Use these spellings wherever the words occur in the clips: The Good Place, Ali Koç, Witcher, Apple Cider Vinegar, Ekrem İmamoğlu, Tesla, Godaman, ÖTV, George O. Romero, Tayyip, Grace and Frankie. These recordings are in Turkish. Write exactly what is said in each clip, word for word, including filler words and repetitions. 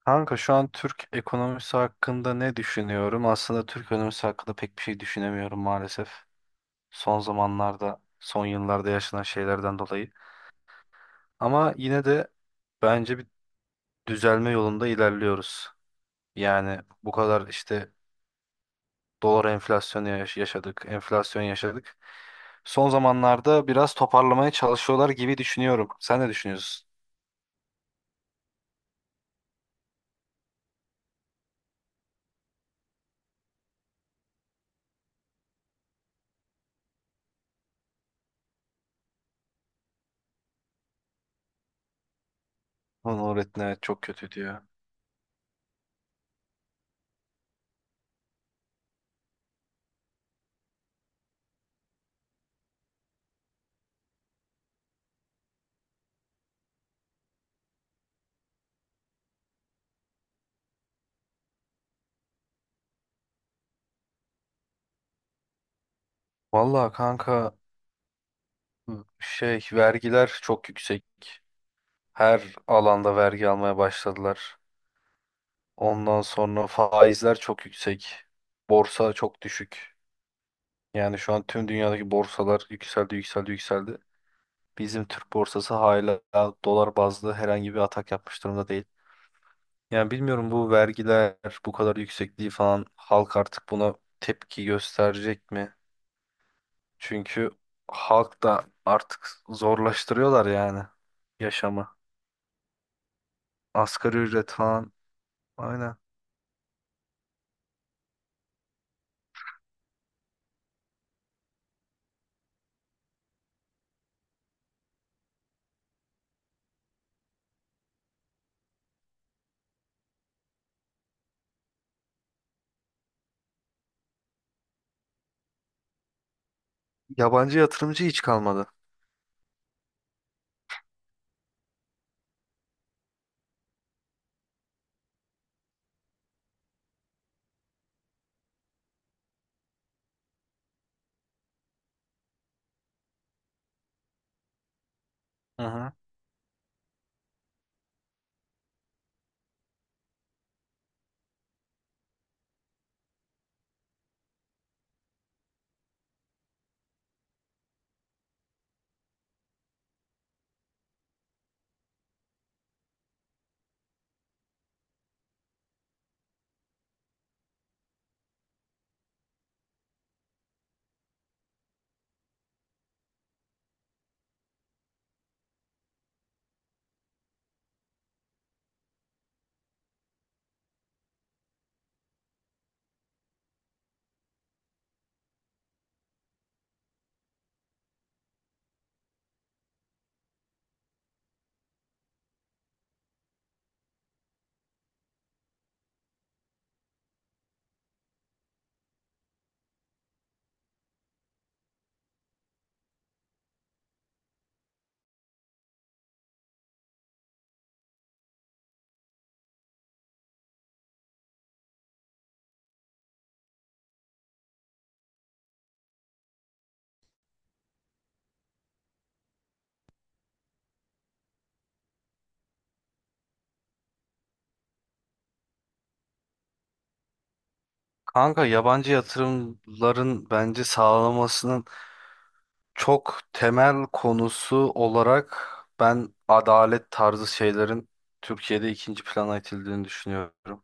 Kanka şu an Türk ekonomisi hakkında ne düşünüyorum? Aslında Türk ekonomisi hakkında pek bir şey düşünemiyorum maalesef. Son zamanlarda, son yıllarda yaşanan şeylerden dolayı. Ama yine de bence bir düzelme yolunda ilerliyoruz. Yani bu kadar işte dolar enflasyonu yaş- yaşadık, enflasyon yaşadık. Son zamanlarda biraz toparlamaya çalışıyorlar gibi düşünüyorum. Sen ne düşünüyorsun? Lan öğretmen, evet, çok kötü diyor. Vallahi kanka şey vergiler çok yüksek. Her alanda vergi almaya başladılar. Ondan sonra faizler çok yüksek. Borsa çok düşük. Yani şu an tüm dünyadaki borsalar yükseldi, yükseldi, yükseldi. Bizim Türk borsası hala dolar bazlı herhangi bir atak yapmış durumda değil. Yani bilmiyorum, bu vergiler bu kadar yüksekliği falan halk artık buna tepki gösterecek mi? Çünkü halk da artık zorlaştırıyorlar yani yaşamı. Asgari ücret falan. Aynen. Yabancı yatırımcı hiç kalmadı. Aha. Kanka yabancı yatırımların bence sağlamasının çok temel konusu olarak ben adalet tarzı şeylerin Türkiye'de ikinci plana itildiğini düşünüyorum.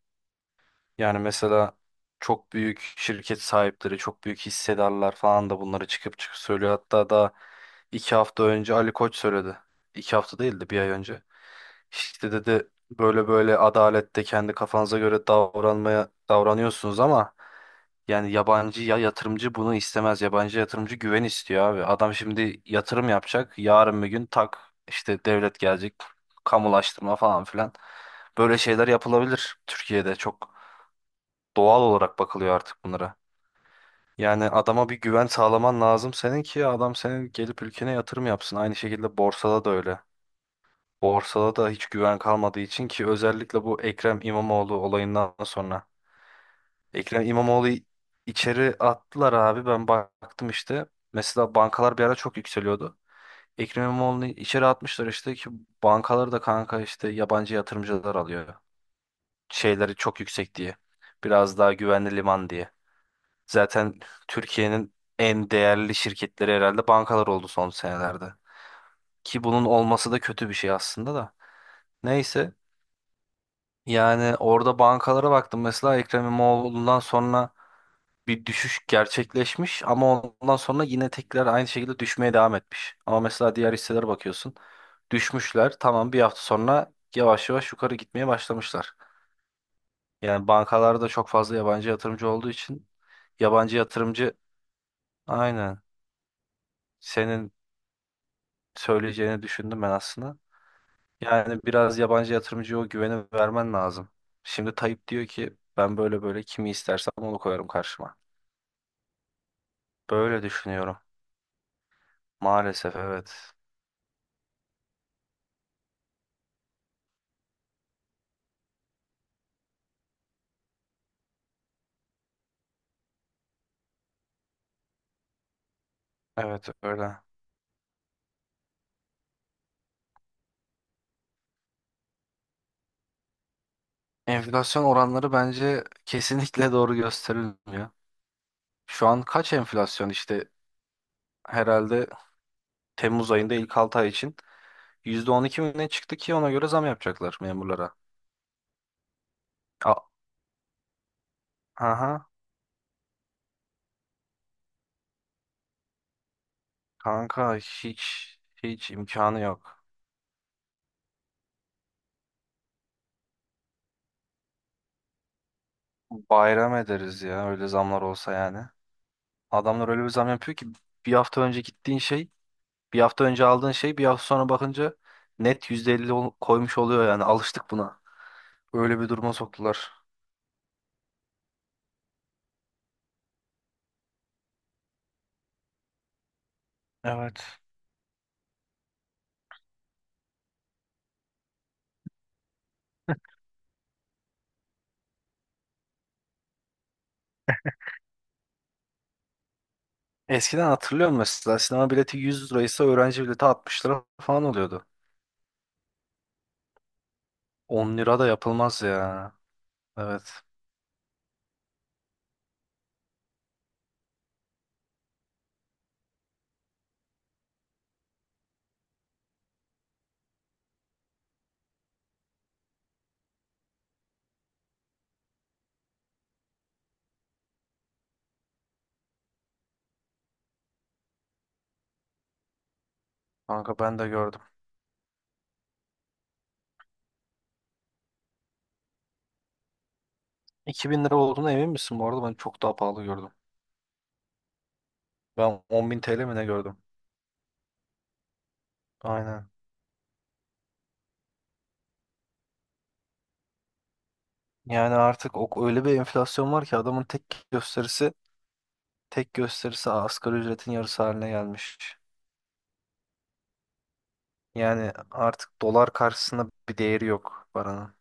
Yani mesela çok büyük şirket sahipleri, çok büyük hissedarlar falan da bunları çıkıp çıkıp söylüyor. Hatta daha iki hafta önce Ali Koç söyledi. İki hafta değil de bir ay önce. İşte dedi böyle böyle adalette kendi kafanıza göre davranmaya davranıyorsunuz ama yani yabancı ya yatırımcı bunu istemez. Yabancı yatırımcı güven istiyor abi. Adam şimdi yatırım yapacak. Yarın bir gün tak işte devlet gelecek. Kamulaştırma falan filan. Böyle şeyler yapılabilir Türkiye'de, çok doğal olarak bakılıyor artık bunlara. Yani adama bir güven sağlaman lazım senin ki adam senin gelip ülkene yatırım yapsın. Aynı şekilde borsada da öyle. Borsada da hiç güven kalmadığı için, ki özellikle bu Ekrem İmamoğlu olayından sonra. Ekrem İmamoğlu'yu içeri attılar abi, ben baktım işte. Mesela bankalar bir ara çok yükseliyordu. Ekrem İmamoğlu'nu içeri atmışlar işte ki bankaları da kanka işte yabancı yatırımcılar alıyor. Şeyleri çok yüksek diye. Biraz daha güvenli liman diye. Zaten Türkiye'nin en değerli şirketleri herhalde bankalar oldu son senelerde. Ki bunun olması da kötü bir şey aslında da. Neyse, yani orada bankalara baktım mesela Ekrem İmamoğlu'ndan sonra bir düşüş gerçekleşmiş ama ondan sonra yine tekrar aynı şekilde düşmeye devam etmiş. Ama mesela diğer hisselere bakıyorsun, düşmüşler tamam, bir hafta sonra yavaş yavaş yukarı gitmeye başlamışlar. Yani bankalarda çok fazla yabancı yatırımcı olduğu için yabancı yatırımcı aynen. Senin söyleyeceğini düşündüm ben aslında. Yani biraz yabancı yatırımcıya o güveni vermen lazım. Şimdi Tayyip diyor ki ben böyle böyle kimi istersem onu koyarım karşıma. Böyle düşünüyorum. Maalesef evet. Evet öyle. Enflasyon oranları bence kesinlikle doğru gösterilmiyor. Şu an kaç enflasyon işte herhalde Temmuz ayında ilk altı ay için yüzde on iki mi ne çıktı ki ona göre zam yapacaklar memurlara. A- Aha kanka hiç hiç imkanı yok. Bayram ederiz ya öyle zamlar olsa yani. Adamlar öyle bir zam yapıyor ki bir hafta önce gittiğin şey, bir hafta önce aldığın şey bir hafta sonra bakınca net yüzde elli ol- koymuş oluyor yani. Alıştık buna. Öyle bir duruma soktular. Evet. Eskiden hatırlıyorum mesela sinema bileti yüz liraysa öğrenci bileti altmış lira falan oluyordu. on lira da yapılmaz ya. Evet. Kanka ben de gördüm. iki bin lira olduğuna emin misin bu arada? Ben çok daha pahalı gördüm. Ben on bin T L mi ne gördüm? Aynen. Yani artık o, öyle bir enflasyon var ki adamın tek gösterisi tek gösterisi asgari ücretin yarısı haline gelmiş. Yani artık dolar karşısında bir değeri yok paranın.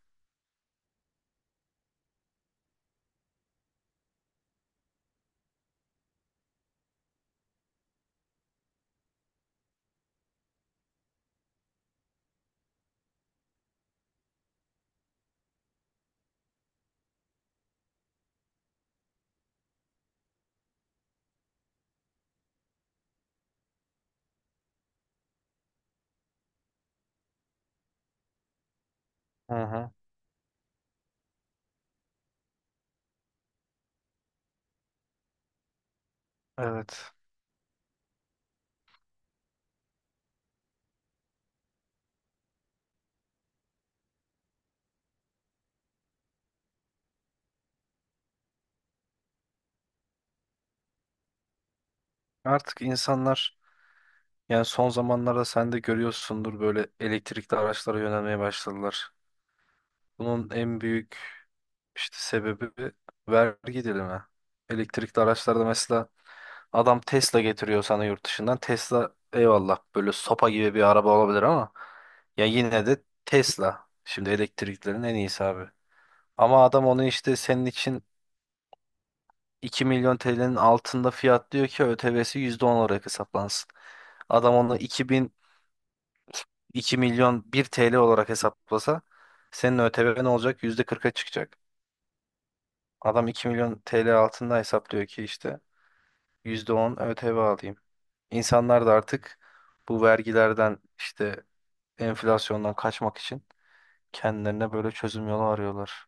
Hı hı. Evet. Artık insanlar yani son zamanlarda sen de görüyorsundur böyle elektrikli araçlara yönelmeye başladılar. Bunun en büyük işte sebebi vergi dilimi. Elektrikli araçlarda mesela adam Tesla getiriyor sana yurt dışından. Tesla eyvallah böyle sopa gibi bir araba olabilir ama ya yine de Tesla. Şimdi elektriklerin en iyisi abi. Ama adam onu işte senin için iki milyon T L'nin altında fiyat diyor ki ÖTV'si yüzde on olarak hesaplansın. Adam onu iki bin iki milyon bir T L olarak hesaplasa senin ÖTV'n olacak yüzde kırk'a çıkacak. Adam iki milyon T L altında hesaplıyor ki işte yüzde on ÖTV alayım. İnsanlar da artık bu vergilerden işte enflasyondan kaçmak için kendilerine böyle çözüm yolu arıyorlar.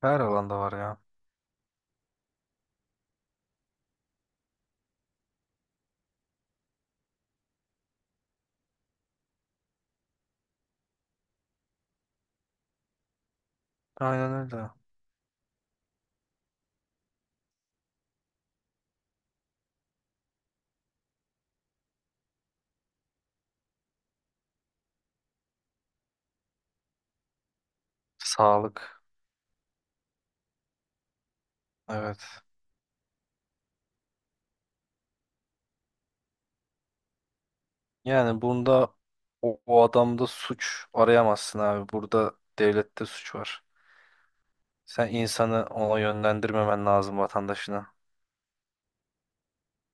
Her alanda var ya. Aynen öyle. Sağlık. Evet. Yani bunda o, o adamda suç arayamazsın abi. Burada devlette suç var. Sen insanı ona yönlendirmemen lazım vatandaşına.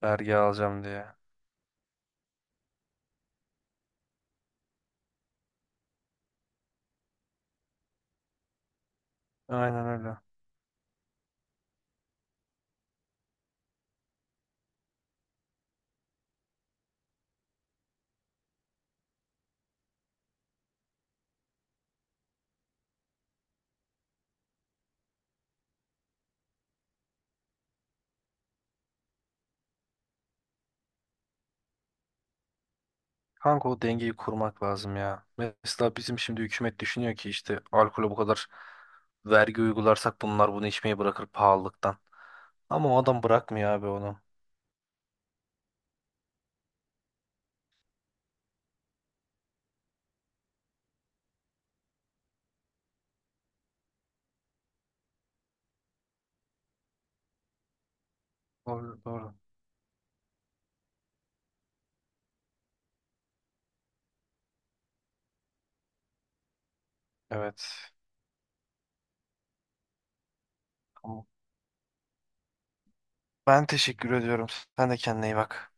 Vergi alacağım diye. Aynen öyle. Kanka o dengeyi kurmak lazım ya. Mesela bizim şimdi hükümet düşünüyor ki işte alkole bu kadar vergi uygularsak bunlar bunu içmeyi bırakır pahalılıktan. Ama o adam bırakmıyor abi onu. Doğru, doğru. Evet. Tamam. Ben teşekkür ediyorum. Sen de kendine iyi bak.